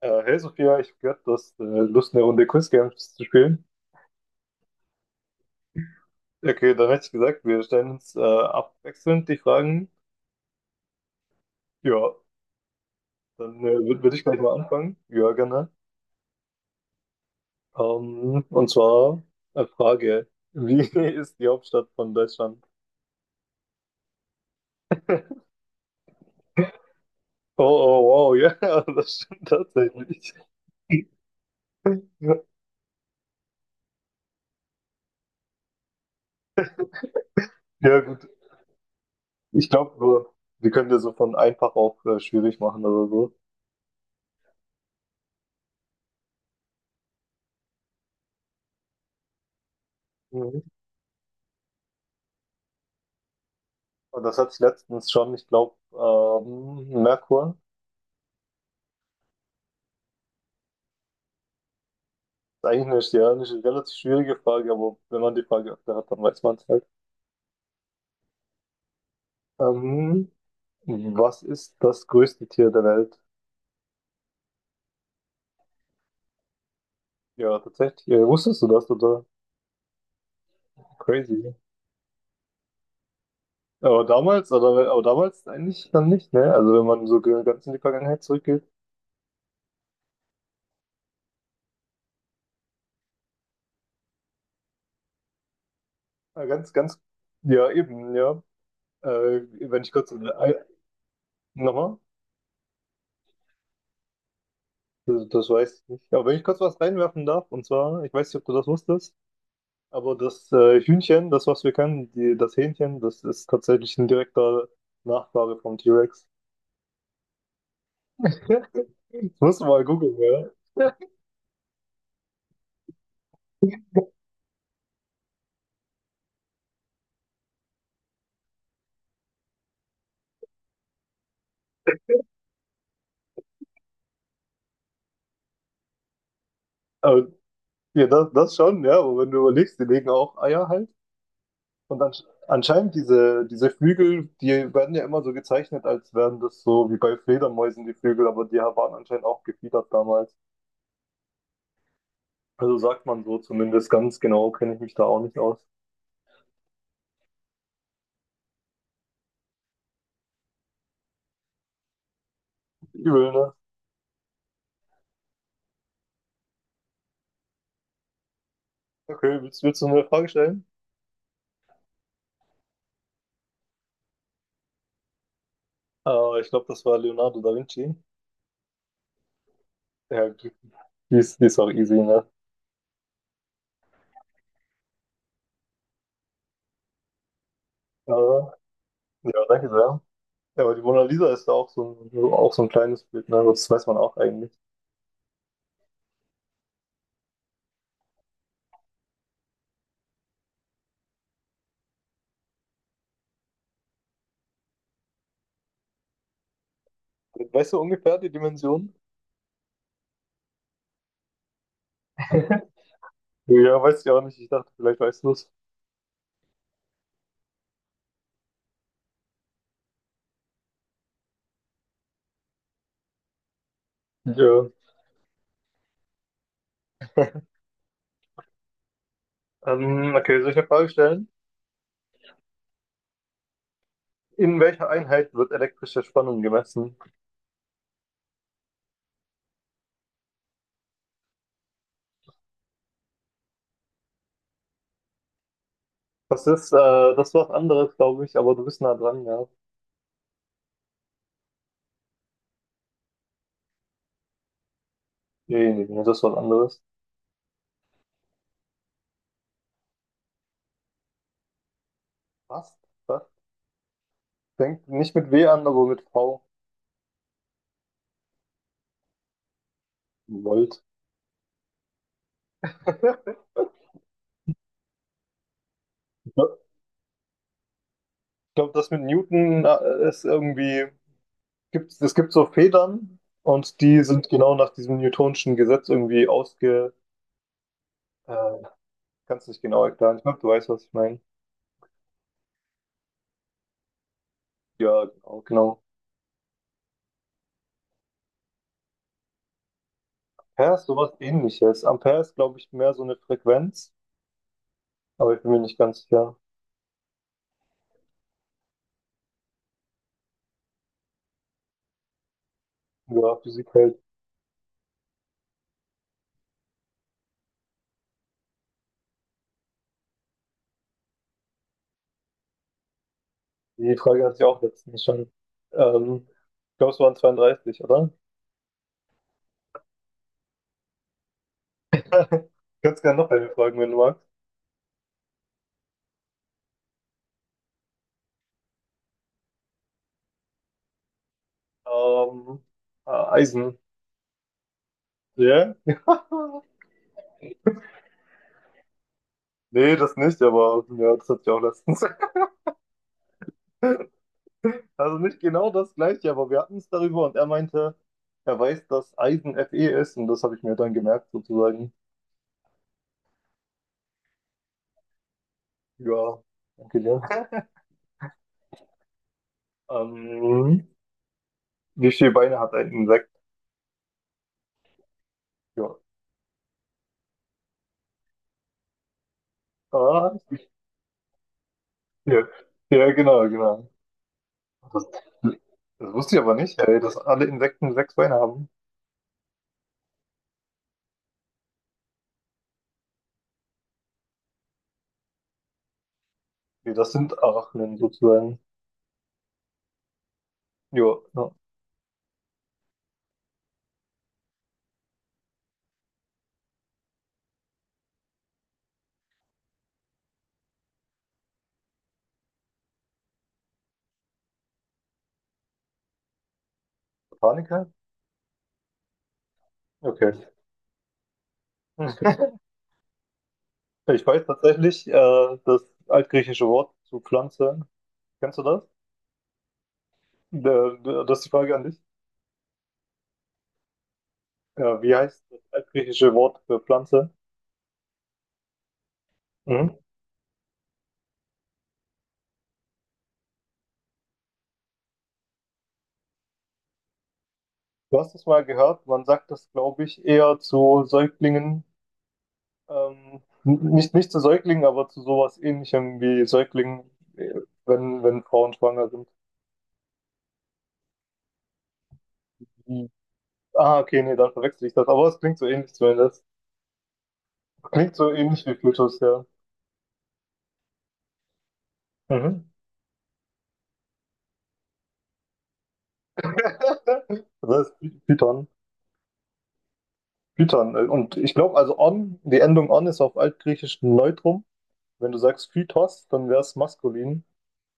Hey Sophia, ich habe gehört, du hast Lust, eine Runde Quiz Games zu spielen. Okay, dann hätte ich gesagt, wir stellen uns abwechselnd die Fragen. Ja, dann würde ich gleich mal anfangen. Ja, gerne. Und zwar eine Frage. Wie ist die Hauptstadt von Deutschland? Oh, oh, wow, ja, das stimmt tatsächlich. Ja, ja, gut. Ich glaube, wir können ja so von einfach auf schwierig machen oder so. Mhm. Und das hatte ich letztens schon, ich glaube, Merkur. Eigentlich ja, eine relativ schwierige Frage, aber wenn man die Frage öfter hat, dann weiß man es halt. Ähm, Was ist das größte Tier der Welt? Ja, tatsächlich. Ja, wusstest du das, oder? Crazy. Aber damals, oder, aber damals eigentlich dann nicht, ne? Also wenn man so ganz in die Vergangenheit zurückgeht. Ganz, ganz, ja, eben, ja. Äh, Wenn ich kurz, nochmal, das, das weiß ich nicht. Aber wenn ich kurz was reinwerfen darf, und zwar, ich weiß nicht, ob du das wusstest. Aber das Hühnchen, das was wir kennen, die, das Hähnchen, das ist tatsächlich ein direkter Nachfahre vom T-Rex. Musst du mal googeln, ja. Aber ja, das, das schon, ja. Aber wenn du überlegst, die legen auch Eier halt. Und dann anscheinend diese, diese Flügel, die werden ja immer so gezeichnet, als wären das so wie bei Fledermäusen die Flügel, aber die waren anscheinend auch gefiedert damals. Also sagt man so, zumindest ganz genau kenne ich mich da auch nicht aus. Übel, ne? Okay, willst, willst du mir eine Frage stellen? Ich glaube, das war Leonardo da Vinci. Ja, die ist, die ist auch easy, ne? Ja, ja, danke sehr. Ja, aber die Mona Lisa ist ja auch so ein kleines Bild, ne? Das weiß man auch eigentlich. Weißt du ungefähr die Dimension? Ja, weiß ich auch nicht. Ich dachte, vielleicht weißt du es. Ja. Okay, soll ich eine Frage stellen? In welcher Einheit wird elektrische Spannung gemessen? Das ist, äh, das ist was anderes, glaube ich, aber du bist nah dran, ja. Nee, nee, nee, das ist was anderes. Was? Was? Fängt nicht mit W an, aber mit V. Volt. Ich glaube, das mit Newton ist irgendwie. Gibt, es gibt so Federn und die sind genau nach diesem Newtonschen Gesetz irgendwie ausge. Äh, kannst nicht genau erklären. Ich glaube, du weißt, was ich meine. Ja, genau, genau. Ampere ist sowas ähnliches. Ampere ist, glaube ich, mehr so eine Frequenz, aber ich bin mir nicht ganz sicher, über Physik hält. Die Frage hatte ich auch letztens schon. Ähm, Ich glaube, es waren 32, oder? Du kannst gerne noch eine fragen, wenn du magst. Ähm, Eisen. Ja? Nee, das nicht, aber ja, das hatte ich auch letztens. Also nicht genau das gleiche, aber wir hatten es darüber und er meinte, er weiß, dass Eisen Fe ist, und das habe ich mir dann gemerkt sozusagen. Ja, danke dir. Ähm, Wie viele Beine hat ein Insekt? Ja. Ah, ja, ja, genau, genau. Das, das wusste ich aber nicht, ey, dass alle Insekten sechs Beine haben. Nee, das sind Arachniden sozusagen. Jo, ja. Botaniker? Okay. Ich weiß tatsächlich das altgriechische Wort zu Pflanze. Kennst du das? Der, der, das ist die Frage an dich. Ja, wie heißt das altgriechische Wort für Pflanze? Mhm. Du hast es mal gehört, man sagt das, glaube ich, eher zu Säuglingen, nicht, nicht zu Säuglingen, aber zu sowas ähnlichem wie Säuglingen, äh, wenn, wenn Frauen schwanger sind. Mhm. Ah, okay, nee, dann verwechsel ich das. Aber es klingt so ähnlich zumindest. Klingt so ähnlich wie Plutus, ja. Mhm. Das heißt Python. Python. Und ich glaube, also on, die Endung on ist auf Altgriechisch Neutrum. Wenn du sagst Phytos, dann wäre es maskulin.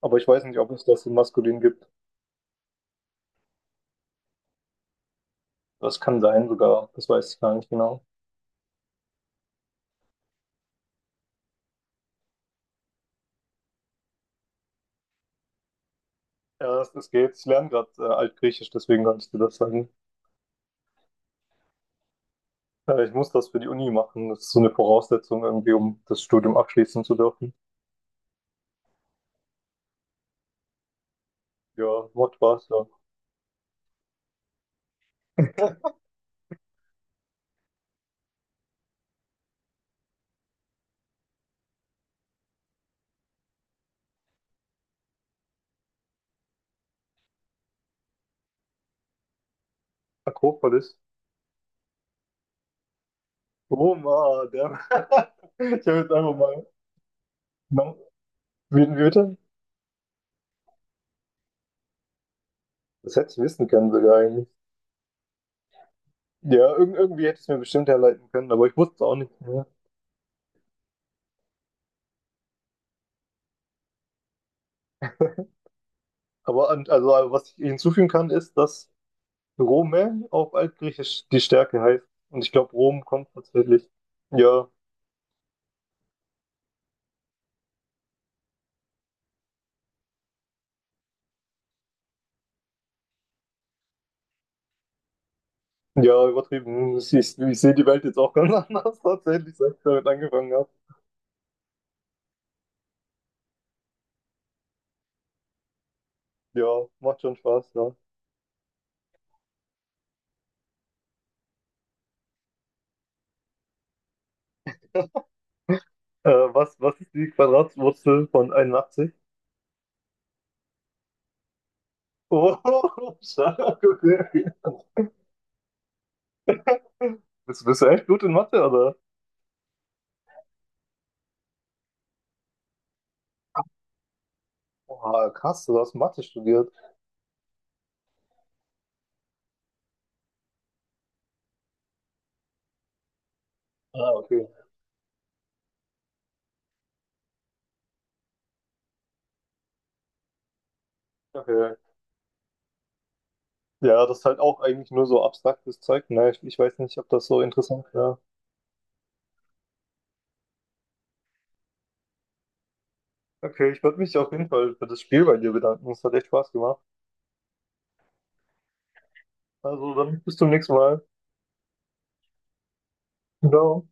Aber ich weiß nicht, ob es das in maskulin gibt. Das kann sein sogar. Das weiß ich gar nicht genau. Ja, das, das geht. Ich lerne gerade Altgriechisch, deswegen kann ich dir das sagen. Ich muss das für die Uni machen. Das ist so eine Voraussetzung irgendwie, um das Studium abschließen zu dürfen. Ja, macht Spaß, ja. Akropolis. Roma, der. Ich habe jetzt einfach mal. Na, wie, wie bitte? Das hätte ich wissen können sogar eigentlich. Ja, irgendwie hätte ich es mir bestimmt herleiten können, aber ich wusste es auch nicht. Aber an, also was ich hinzufügen kann, ist, dass Rome auf Altgriechisch die Stärke heißt. Und ich glaube, Rom kommt tatsächlich. Ja, ja, übertrieben. Ich sehe die Welt jetzt auch ganz anders tatsächlich, seit ich damit angefangen habe. Ja, macht schon Spaß, ja. Was, was ist die Quadratwurzel von 81? Oh, stark, okay. Bist, bist du echt gut in Mathe, oder? Boah, krass, du hast Mathe studiert. Ah, okay. Okay. Ja, das ist halt auch eigentlich nur so abstraktes Zeug. Ne? Ich weiß nicht, ob das so interessant wäre. Okay, ich würde mich auf jeden Fall für das Spiel bei dir bedanken. Es hat echt Spaß gemacht. Also dann bis zum nächsten Mal. Ciao.